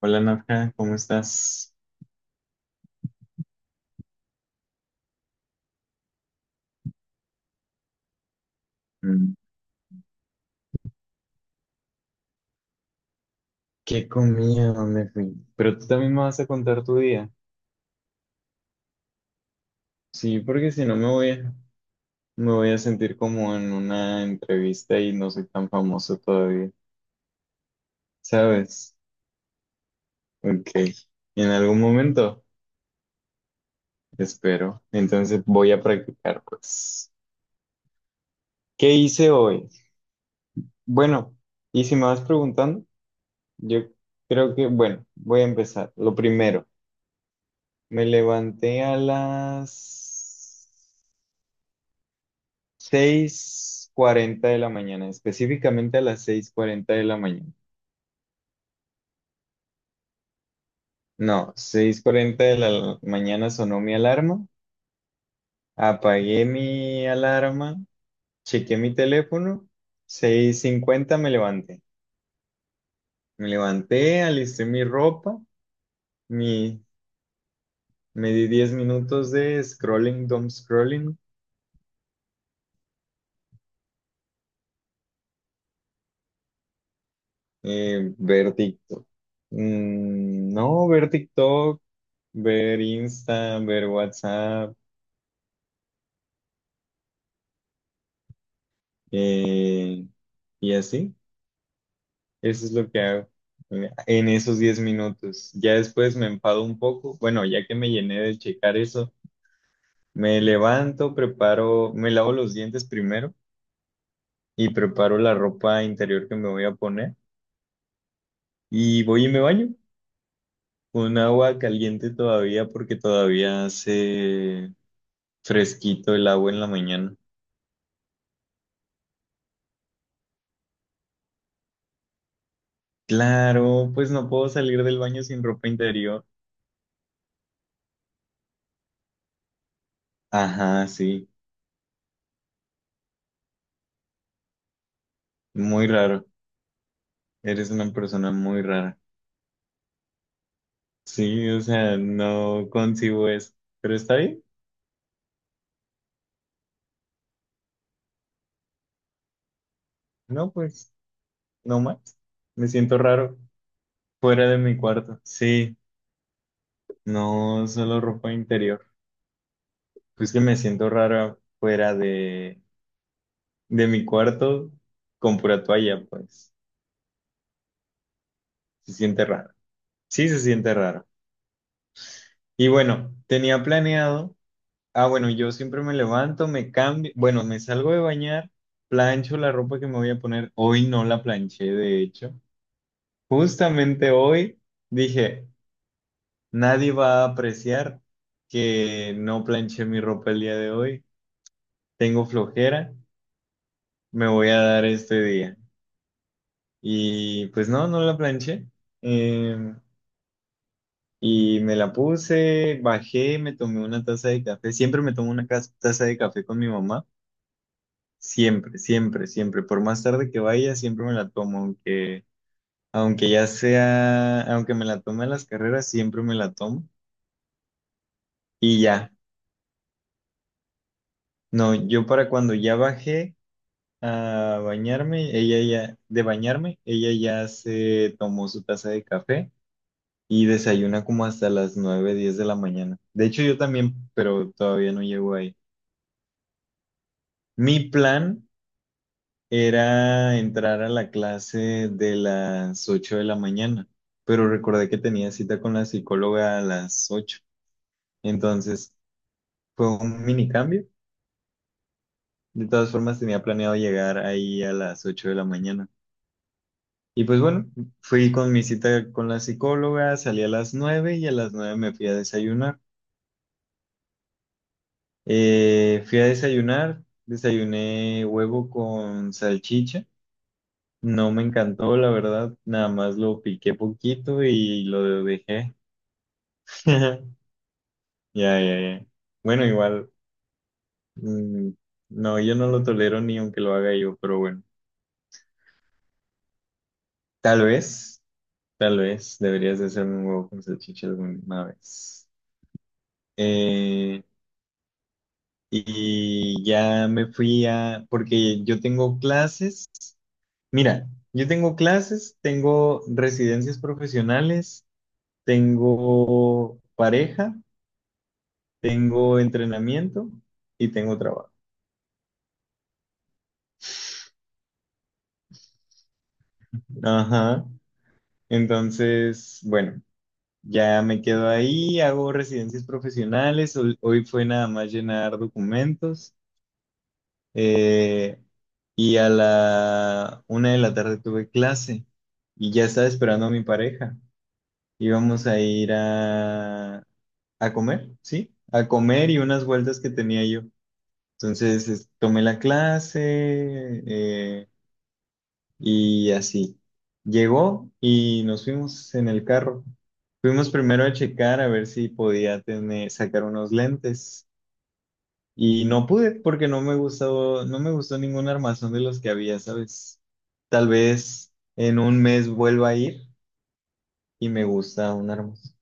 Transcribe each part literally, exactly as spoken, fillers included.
Hola Nadja, ¿cómo estás? Mm, ¿qué comía? ¿Dónde fui? Pero tú también me vas a contar tu día. Sí, porque si no me voy a, me voy a sentir como en una entrevista y no soy tan famoso todavía, ¿sabes? Ok, en algún momento, espero. Entonces voy a practicar, pues. ¿Qué hice hoy? Bueno, y si me vas preguntando, yo creo que, bueno, voy a empezar. Lo primero, me levanté a las seis cuarenta de la mañana, específicamente a las seis cuarenta de la mañana. No, seis cuarenta de la mañana sonó mi alarma, apagué mi alarma, chequé mi teléfono, seis cincuenta me levanté. Me levanté, alisté mi ropa, mi, me di diez minutos de scrolling, dumb scrolling, eh, ver TikTok. Mm, no, ver TikTok, ver Insta, ver WhatsApp. Eh, y así, eso es lo que hago eh, en esos diez minutos. Ya después me empado un poco. Bueno, ya que me llené de checar eso, me levanto, preparo, me lavo los dientes primero y preparo la ropa interior que me voy a poner. Y voy y me baño con agua caliente todavía porque todavía hace fresquito el agua en la mañana. Claro, pues no puedo salir del baño sin ropa interior. Ajá, sí, muy raro. Eres una persona muy rara. Sí, o sea, no concibo eso. Pero está bien. No, pues, no más. Me siento raro fuera de mi cuarto. Sí, no solo ropa interior. Pues que me siento raro fuera de, de mi cuarto con pura toalla, pues. Se siente raro. Sí, se siente raro. Y bueno, tenía planeado. Ah, bueno, yo siempre me levanto, me cambio. Bueno, me salgo de bañar, plancho la ropa que me voy a poner. Hoy no la planché, de hecho. Justamente hoy dije, nadie va a apreciar que no planché mi ropa el día de hoy, tengo flojera, me voy a dar este día. Y pues no, no la planché. Eh, y me la puse, bajé, me tomé una taza de café. Siempre me tomo una cas- taza de café con mi mamá. Siempre, siempre, siempre. Por más tarde que vaya, siempre me la tomo, aunque, aunque ya sea, aunque me la tome a las carreras, siempre me la tomo. Y ya. No, yo para cuando ya bajé a bañarme, ella ya, de bañarme, ella ya se tomó su taza de café y desayuna como hasta las nueve diez de la mañana. De hecho, yo también, pero todavía no llego ahí. Mi plan era entrar a la clase de las ocho de la mañana, pero recordé que tenía cita con la psicóloga a las ocho. Entonces, fue un mini cambio. De todas formas, tenía planeado llegar ahí a las ocho de la mañana. Y pues bueno, fui con mi cita con la psicóloga, salí a las nueve y a las nueve me fui a desayunar. Eh, fui a desayunar, desayuné huevo con salchicha. No me encantó, la verdad, nada más lo piqué poquito y lo dejé. Ya, ya, ya. Bueno, igual, mm, no, yo no lo tolero ni aunque lo haga yo, pero bueno, tal vez, tal vez deberías de hacerme un huevo con salchicha alguna vez. Eh, y ya me fui a, porque yo tengo clases, mira, yo tengo clases, tengo residencias profesionales, tengo pareja, tengo entrenamiento y tengo trabajo. Ajá. Entonces, bueno, ya me quedo ahí, hago residencias profesionales, hoy, hoy fue nada más llenar documentos, eh, y a la una de la tarde tuve clase y ya estaba esperando a mi pareja. Íbamos a ir a, a comer, ¿sí? A comer y unas vueltas que tenía yo. Entonces es- tomé la clase, eh, y así. Llegó y nos fuimos en el carro. Fuimos primero a checar a ver si podía tener, sacar unos lentes. Y no pude porque no me gustó, no me gustó ningún armazón de los que había, ¿sabes? Tal vez en un mes vuelva a ir y me gusta un armazón.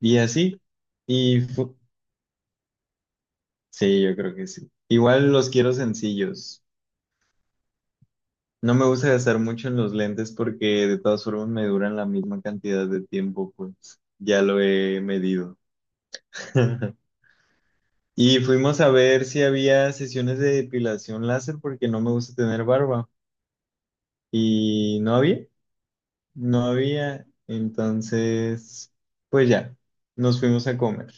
Y así. Y fu- Sí, yo creo que sí. Igual los quiero sencillos. No me gusta gastar mucho en los lentes porque de todas formas me duran la misma cantidad de tiempo, pues ya lo he medido. Y fuimos a ver si había sesiones de depilación láser porque no me gusta tener barba. Y no había, no había. Entonces, pues ya, nos fuimos a comer.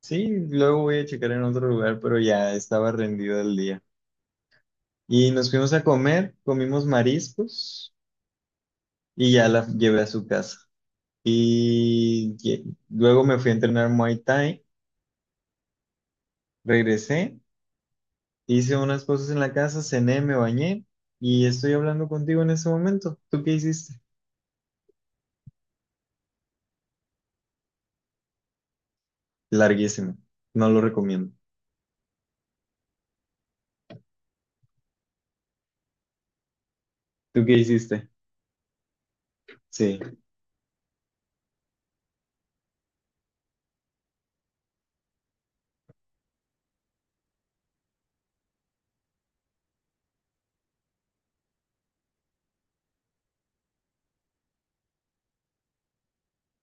Sí, luego voy a checar en otro lugar, pero ya estaba rendido el día. Y nos fuimos a comer, comimos mariscos. Y ya la llevé a su casa. Y lle- luego me fui a entrenar Muay Thai, regresé, hice unas cosas en la casa, cené, me bañé y estoy hablando contigo en este momento. ¿Tú qué hiciste? Larguísimo, no lo recomiendo. ¿Tú qué hiciste? Sí,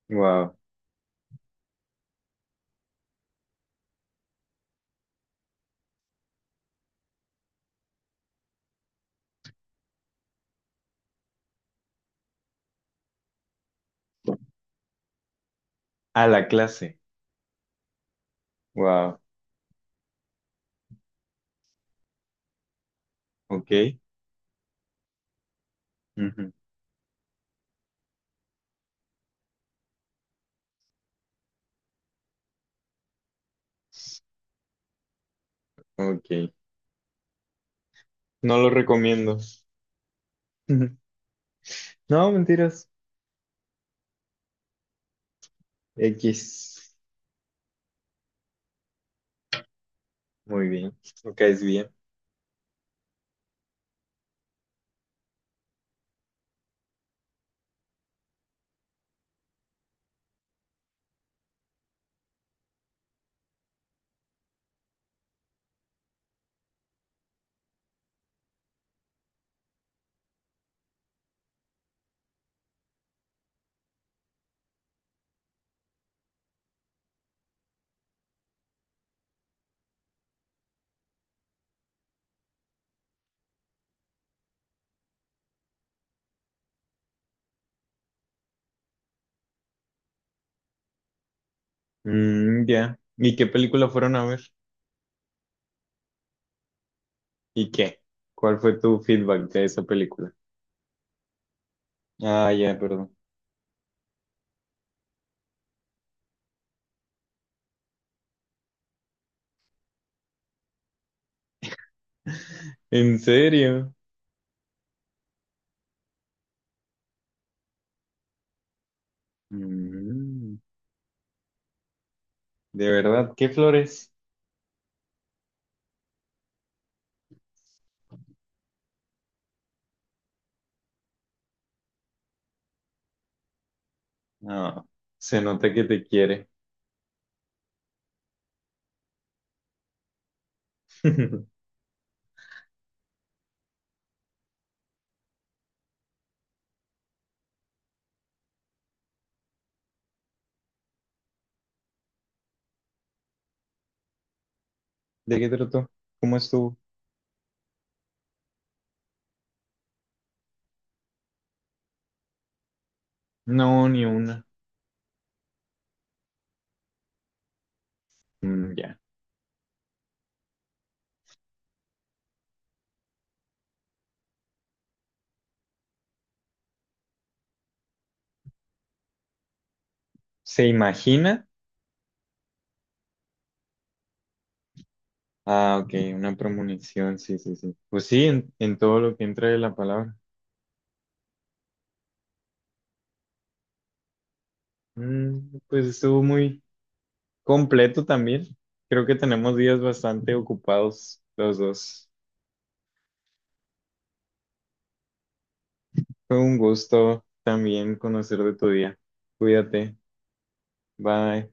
wow. A la clase, wow. Ok, ujú, ok. No lo recomiendo. No, mentiras. X. Muy bien, lo caes bien. Mm, ya. ¿Y qué película fueron a ver? ¿Y qué? ¿Cuál fue tu feedback de esa película? Ah, ya, perdón. ¿En serio? Mm, ¿de verdad? ¿Qué flores? No. Se nota que te quiere. ¿De qué trató? ¿Cómo estuvo? No, ni una. Mm, ya. ¿Se imagina? Ah, ok, una premonición, sí, sí, sí. Pues sí, en, en todo lo que entra de la palabra. Mm, pues estuvo muy completo también. Creo que tenemos días bastante ocupados los dos. Fue un gusto también conocer de tu día. Cuídate. Bye.